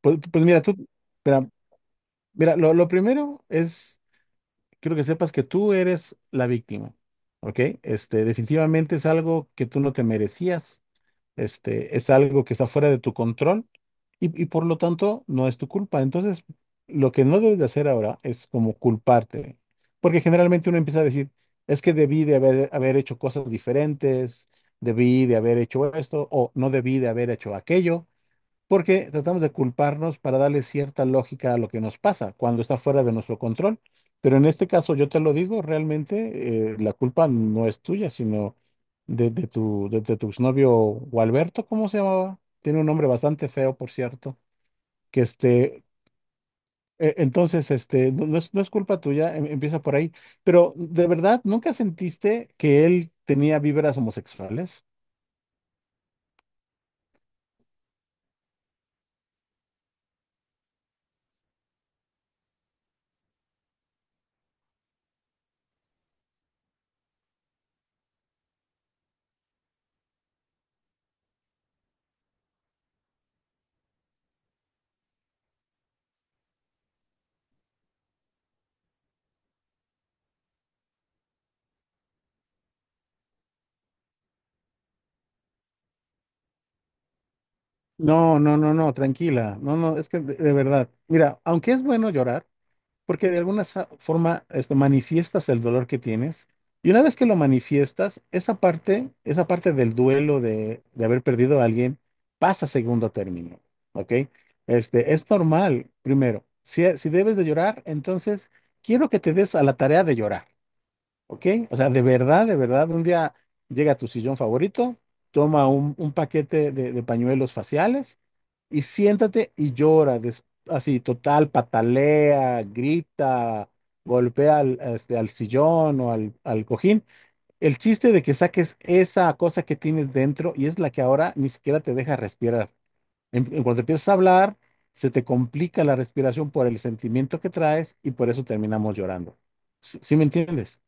Pues mira, tú, mira, mira, lo primero es, quiero que sepas que tú eres la víctima, ¿ok? Definitivamente es algo que tú no te merecías, es algo que está fuera de tu control y por lo tanto no es tu culpa. Entonces, lo que no debes de hacer ahora es como culparte, porque generalmente uno empieza a decir, es que haber hecho cosas diferentes, debí de haber hecho esto o no debí de haber hecho aquello porque tratamos de culparnos para darle cierta lógica a lo que nos pasa cuando está fuera de nuestro control. Pero en este caso, yo te lo digo, realmente la culpa no es tuya, sino de tu exnovio Gualberto, ¿cómo se llamaba? Tiene un nombre bastante feo, por cierto, que no es culpa tuya, empieza por ahí. Pero, ¿de verdad nunca sentiste que él tenía vibras homosexuales? No, no, no, no, tranquila. No, no, es que de verdad. Mira, aunque es bueno llorar, porque de alguna forma manifiestas el dolor que tienes y una vez que lo manifiestas, esa parte del duelo de haber perdido a alguien pasa a segundo término, ¿ok? Es normal, primero, si debes de llorar, entonces quiero que te des a la tarea de llorar. ¿Ok? O sea, de verdad, un día llega a tu sillón favorito, toma un paquete de pañuelos faciales y siéntate y llora, así, total, patalea, grita, golpea al, al sillón o al, al cojín. El chiste de que saques esa cosa que tienes dentro y es la que ahora ni siquiera te deja respirar. En cuanto empiezas a hablar, se te complica la respiración por el sentimiento que traes y por eso terminamos llorando. ¿Sí, sí me entiendes?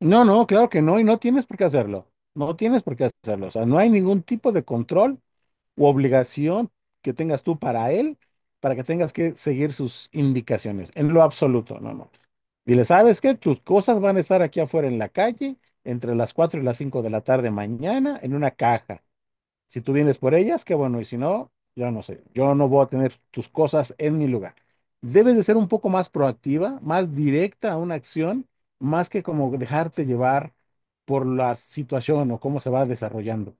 No, no, claro que no, y no tienes por qué hacerlo. No tienes por qué hacerlo. O sea, no hay ningún tipo de control u obligación que tengas tú para él, para que tengas que seguir sus indicaciones, en lo absoluto. No, no. Dile, ¿sabes qué? Tus cosas van a estar aquí afuera en la calle entre las 4 y las 5 de la tarde mañana en una caja. Si tú vienes por ellas, qué bueno, y si no, yo no sé, yo no voy a tener tus cosas en mi lugar. Debes de ser un poco más proactiva, más directa a una acción, más que como dejarte llevar por la situación o cómo se va desarrollando.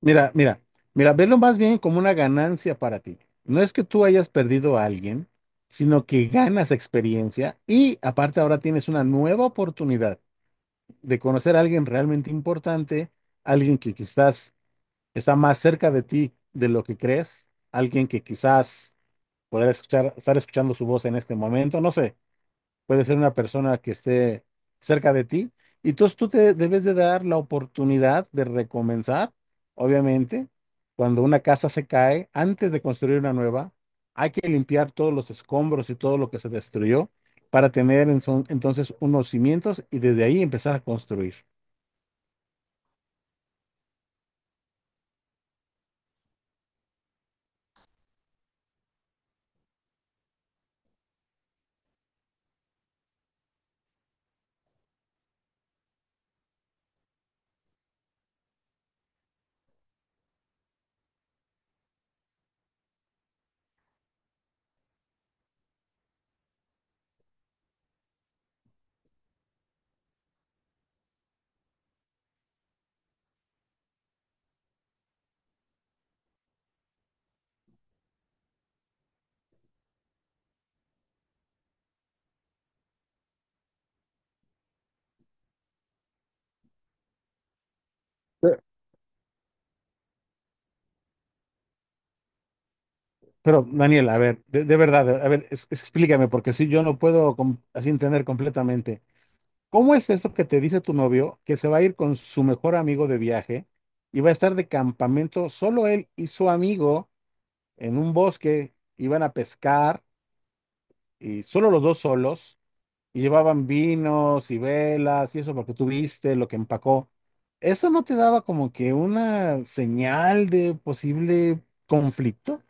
Mira, mira, mira, velo más bien como una ganancia para ti. No es que tú hayas perdido a alguien, sino que ganas experiencia y aparte ahora tienes una nueva oportunidad de conocer a alguien realmente importante, alguien que quizás está más cerca de ti de lo que crees, alguien que quizás podrá escuchar, estar escuchando su voz en este momento, no sé, puede ser una persona que esté cerca de ti, y entonces tú te debes de dar la oportunidad de recomenzar, obviamente, cuando una casa se cae, antes de construir una nueva, hay que limpiar todos los escombros y todo lo que se destruyó para tener entonces unos cimientos y desde ahí empezar a construir. Pero, Daniel, a ver, de verdad, a ver, explícame, porque si yo no puedo así entender completamente. ¿Cómo es eso que te dice tu novio que se va a ir con su mejor amigo de viaje y va a estar de campamento solo él y su amigo en un bosque? Iban a pescar y solo los dos solos y llevaban vinos y velas y eso porque tú viste lo que empacó. ¿Eso no te daba como que una señal de posible conflicto?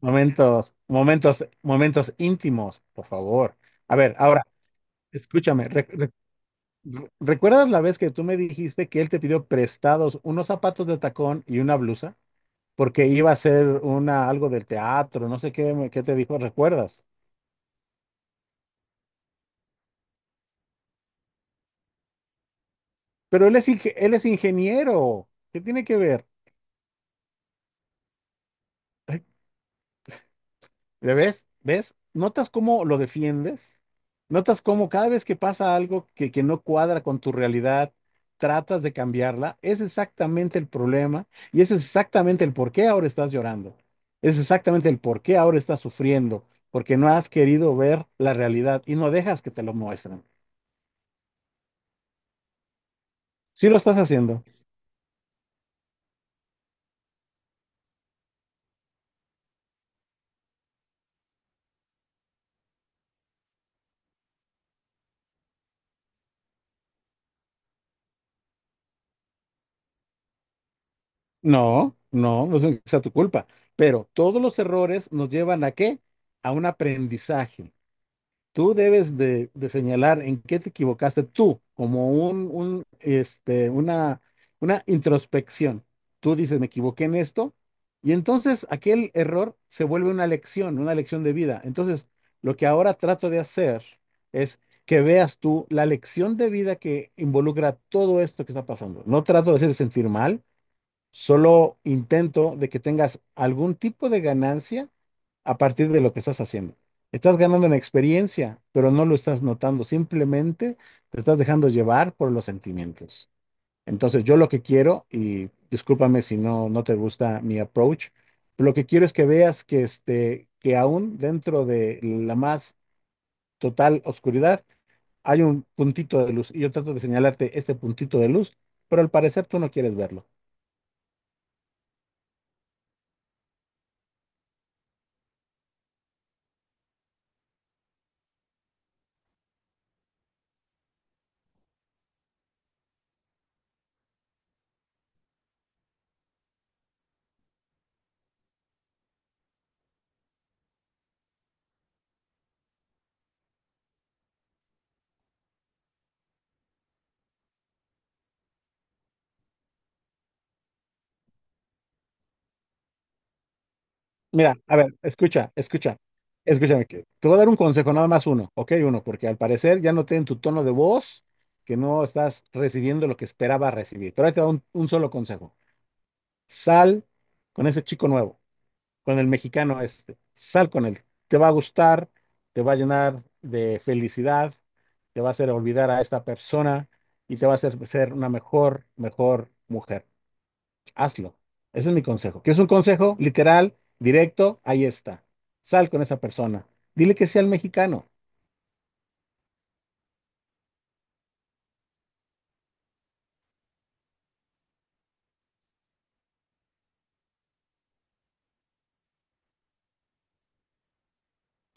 Momentos, momentos, momentos íntimos, por favor. A ver, ahora, escúchame. ¿Recuerdas la vez que tú me dijiste que él te pidió prestados unos zapatos de tacón y una blusa? Porque iba a hacer algo del teatro, no sé qué, qué te dijo, ¿recuerdas? Pero él es ingeniero. ¿Qué tiene que ver? ¿Le ves? ¿Ves? ¿Notas cómo lo defiendes? ¿Notas cómo cada vez que pasa algo que no cuadra con tu realidad, tratas de cambiarla? Es exactamente el problema y eso es exactamente el por qué ahora estás llorando. Es exactamente el por qué ahora estás sufriendo, porque no has querido ver la realidad y no dejas que te lo muestren. Sí lo estás haciendo. No, no, no es tu culpa, pero todos los errores nos llevan ¿a qué? A un aprendizaje. Tú debes de señalar en qué te equivocaste tú, como una introspección. Tú dices, me equivoqué en esto, y entonces aquel error se vuelve una lección de vida. Entonces, lo que ahora trato de hacer es que veas tú la lección de vida que involucra todo esto que está pasando. No trato de hacerte sentir mal, solo intento de que tengas algún tipo de ganancia a partir de lo que estás haciendo. Estás ganando en experiencia, pero no lo estás notando, simplemente te estás dejando llevar por los sentimientos. Entonces, yo lo que quiero, y discúlpame si no te gusta mi approach, pero lo que quiero es que veas que, que aún dentro de la más total oscuridad hay un puntito de luz y yo trato de señalarte este puntito de luz, pero al parecer tú no quieres verlo. Mira, a ver, escucha, escucha, escúchame, que te voy a dar un consejo, nada más uno, ok, uno, porque al parecer ya noté en tu tono de voz que no estás recibiendo lo que esperaba recibir. Pero ahí te va un solo consejo. Sal con ese chico nuevo, con el mexicano este, sal con él. Te va a gustar, te va a llenar de felicidad, te va a hacer olvidar a esta persona y te va a hacer ser una mejor mujer. Hazlo. Ese es mi consejo. ¿Quieres un consejo literal, directo? Ahí está. Sal con esa persona. Dile que sea el mexicano.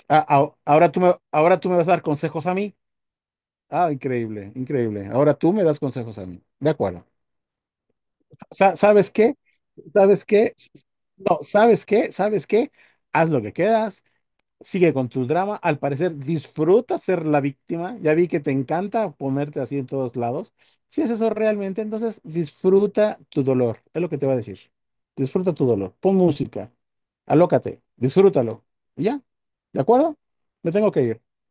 Ah, ah, ahora tú me vas a dar consejos a mí. Ah, increíble, increíble. Ahora tú me das consejos a mí. De acuerdo. ¿Sabes qué? ¿Sabes qué? No, ¿sabes qué? ¿Sabes qué? Haz lo que quieras. Sigue con tu drama. Al parecer, disfrutas ser la víctima. Ya vi que te encanta ponerte así en todos lados. Si es eso realmente, entonces disfruta tu dolor. Es lo que te va a decir. Disfruta tu dolor. Pon música. Alócate. Disfrútalo. ¿Y ya? ¿De acuerdo? Me tengo que ir.